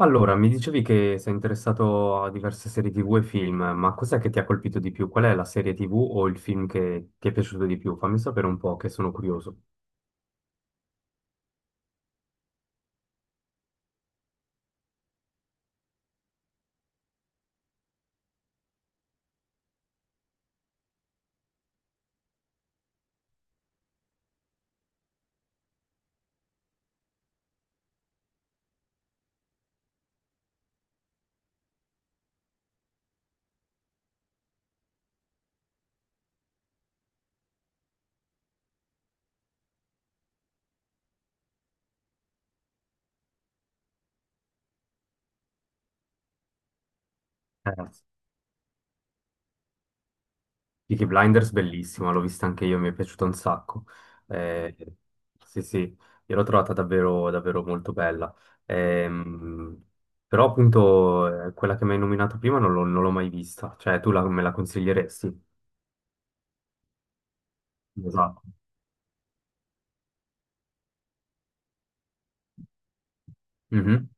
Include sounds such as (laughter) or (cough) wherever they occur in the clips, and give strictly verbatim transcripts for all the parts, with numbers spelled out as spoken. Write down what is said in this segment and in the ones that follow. Allora, mi dicevi che sei interessato a diverse serie ti vu e film, ma cos'è che ti ha colpito di più? Qual è la serie ti vu o il film che ti è piaciuto di più? Fammi sapere un po', che sono curioso. Eh, Peaky Blinders, bellissima, l'ho vista anche io, mi è piaciuta un sacco. Eh, sì, sì, io l'ho trovata davvero, davvero molto bella. Ehm, Però appunto eh, quella che mi hai nominato prima non l'ho non l'ho mai vista, cioè tu la- me la consiglieresti? Esatto. Mhm.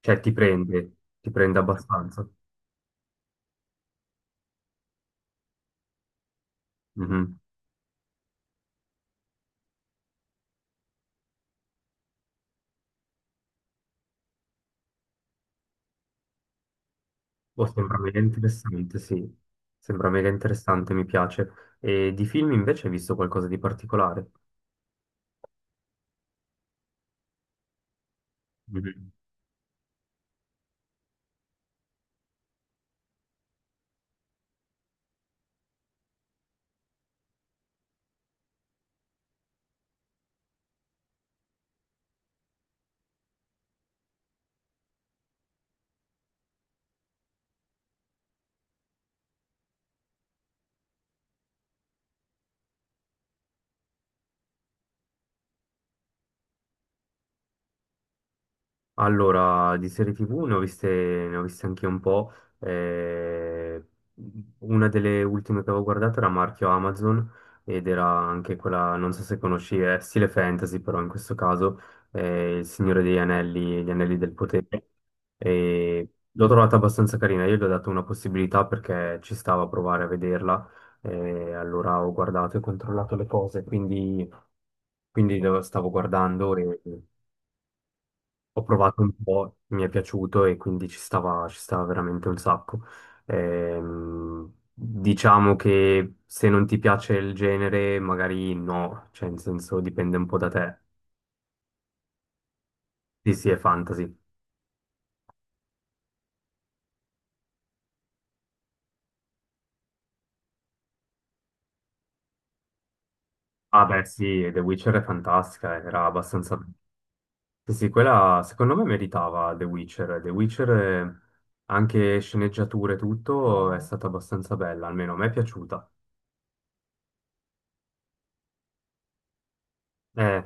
Cioè ti prende, ti prende abbastanza. Mhm. Boh, sembra mega interessante, sì. Sembra mega interessante, mi piace. E di film invece hai visto qualcosa di particolare? Mhm. Allora, di serie ti vu ne ho viste, ne ho viste anche un po'. eh, una delle ultime che avevo guardato era marchio Amazon ed era anche quella, non so se conosci, è stile fantasy, però in questo caso eh, Il Signore degli Anelli, Gli Anelli del Potere. E l'ho trovata abbastanza carina, io gli ho dato una possibilità perché ci stava a provare a vederla. E allora ho guardato e controllato le cose, quindi, quindi lo stavo guardando e ho provato un po', mi è piaciuto e quindi ci stava, ci stava veramente un sacco. Ehm, diciamo che se non ti piace il genere, magari no, cioè in senso dipende un po' da te. Sì, sì, è fantasy. Ah beh, sì, The Witcher è fantastica, era abbastanza... Sì, sì, quella secondo me meritava The Witcher. The Witcher, eh, anche sceneggiature e tutto, è stata abbastanza bella, almeno a me è piaciuta. Eh.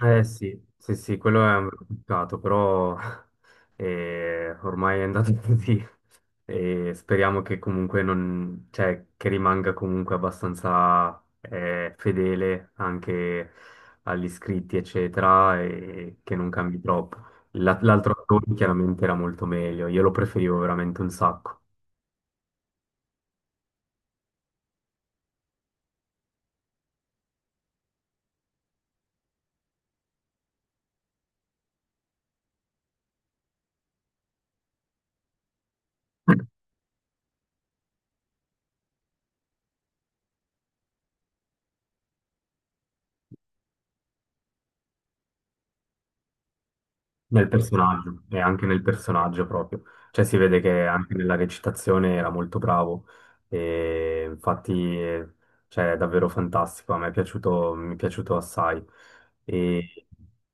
Eh sì, sì, sì, quello è un bel peccato, però (laughs) eh, ormai è andato (laughs) così e speriamo che comunque non, cioè, che rimanga comunque abbastanza eh, fedele anche agli iscritti, eccetera, e che non cambi troppo. La- L'altro attore chiaramente era molto meglio, io lo preferivo veramente un sacco. Nel personaggio, e anche nel personaggio proprio. Cioè si vede che anche nella recitazione era molto bravo e infatti eh, cioè, è davvero fantastico, a me è piaciuto, mi è piaciuto assai. E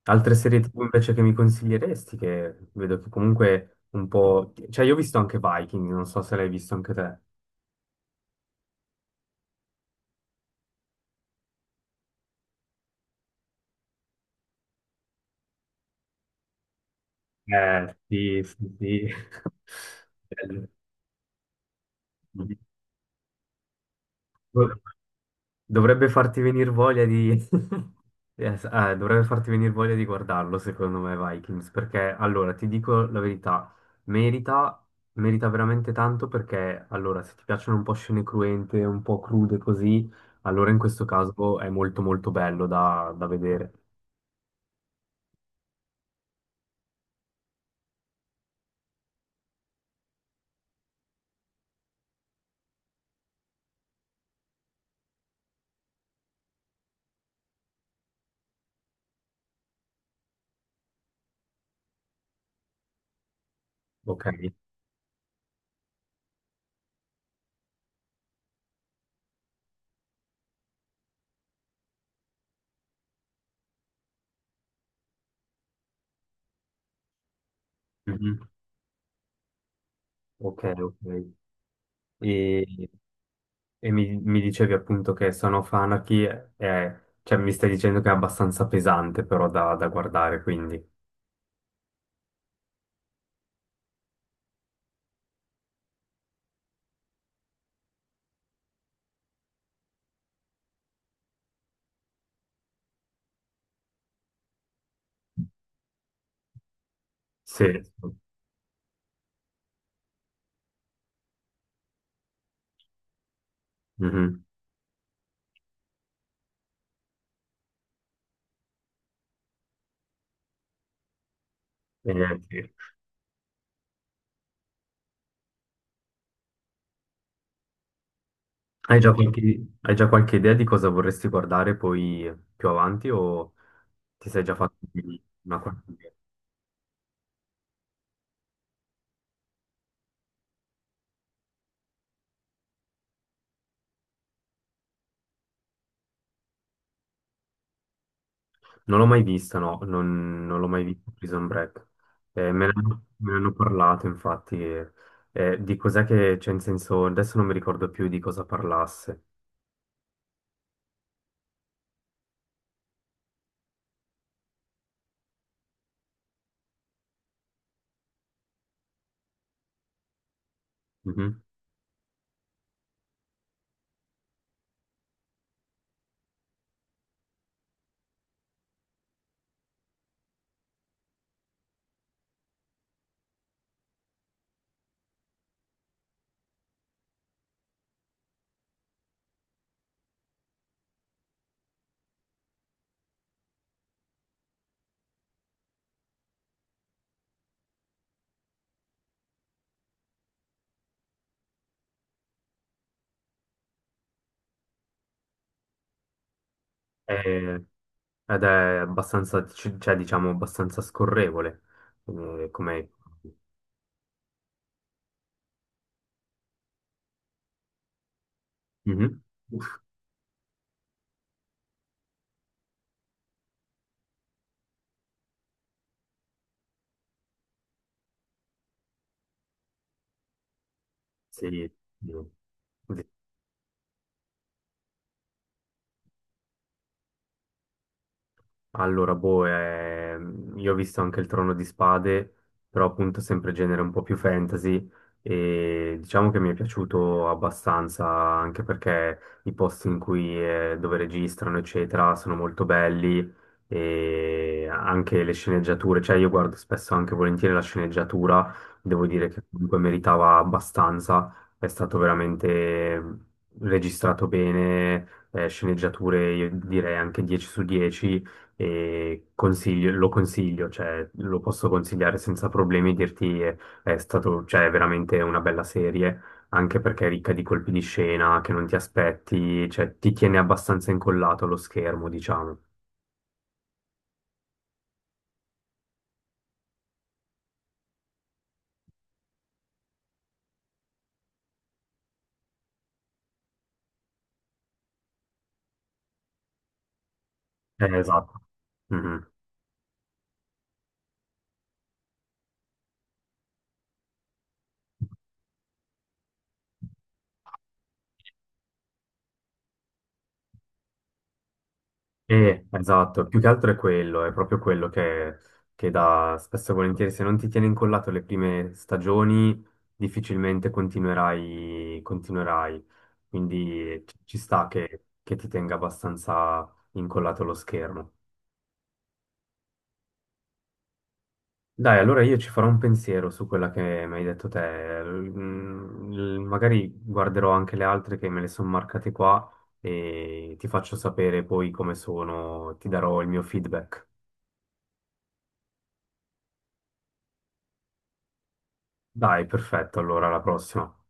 altre serie ti vu invece che mi consiglieresti, che vedo che comunque un po'... Cioè io ho visto anche Viking, non so se l'hai visto anche te. Eh, sì, sì, sì. (laughs) Bello. Dovrebbe farti venire voglia di... (laughs) Yes, eh, dovrebbe farti venire voglia di guardarlo, secondo me, Vikings, perché allora ti dico la verità, merita, merita veramente tanto perché allora se ti piacciono un po' scene cruente, un po' crude così, allora in questo caso è molto molto bello da, da vedere. Ok? Mhm. Ok, ok. E, e mi, mi dicevi appunto che Son of Anarchy è, cioè mi stai dicendo che è abbastanza pesante però da da guardare, quindi. Sì, sì. Mhm. Eh, sì. Hai già qualche, hai già qualche idea di cosa vorresti guardare poi più avanti o ti sei già fatto una qualche idea? Non l'ho mai vista, no, non, non l'ho mai vista Prison Break. Eh, me ne hanno, me ne hanno parlato infatti, eh, eh, di cos'è che c'è in senso, adesso non mi ricordo più di cosa parlasse. Mhm. Eh, Ed è abbastanza, c- cioè diciamo abbastanza scorrevole, eh, come... Mhm. Sì. Sì. Allora, boh, ehm, io ho visto anche il Trono di Spade, però appunto sempre genere un po' più fantasy e diciamo che mi è piaciuto abbastanza anche perché i posti in cui, eh, dove registrano, eccetera, sono molto belli e anche le sceneggiature, cioè io guardo spesso anche volentieri la sceneggiatura, devo dire che comunque meritava abbastanza, è stato veramente ehm, registrato bene, eh, sceneggiature, io direi anche dieci su dieci e consiglio- lo consiglio, cioè, lo posso consigliare senza problemi, dirti eh, è, stato, cioè, è veramente una bella serie, anche perché è ricca di colpi di scena che non ti aspetti, cioè, ti tiene abbastanza incollato allo schermo, diciamo. Eh, esatto. Mhm. Eh, esatto, più che altro è quello, è proprio quello che, che dà spesso e volentieri, se non ti tiene incollato le prime stagioni, difficilmente continuerai, continuerai. Quindi ci ci sta che, che ti tenga abbastanza incollato lo schermo. Dai, allora io ci farò un pensiero su quella che mi hai detto te. Mm, l- magari guarderò anche le altre che me le sono marcate qua e ti faccio sapere poi come sono, ti darò il mio feedback. Dai, perfetto, allora alla prossima.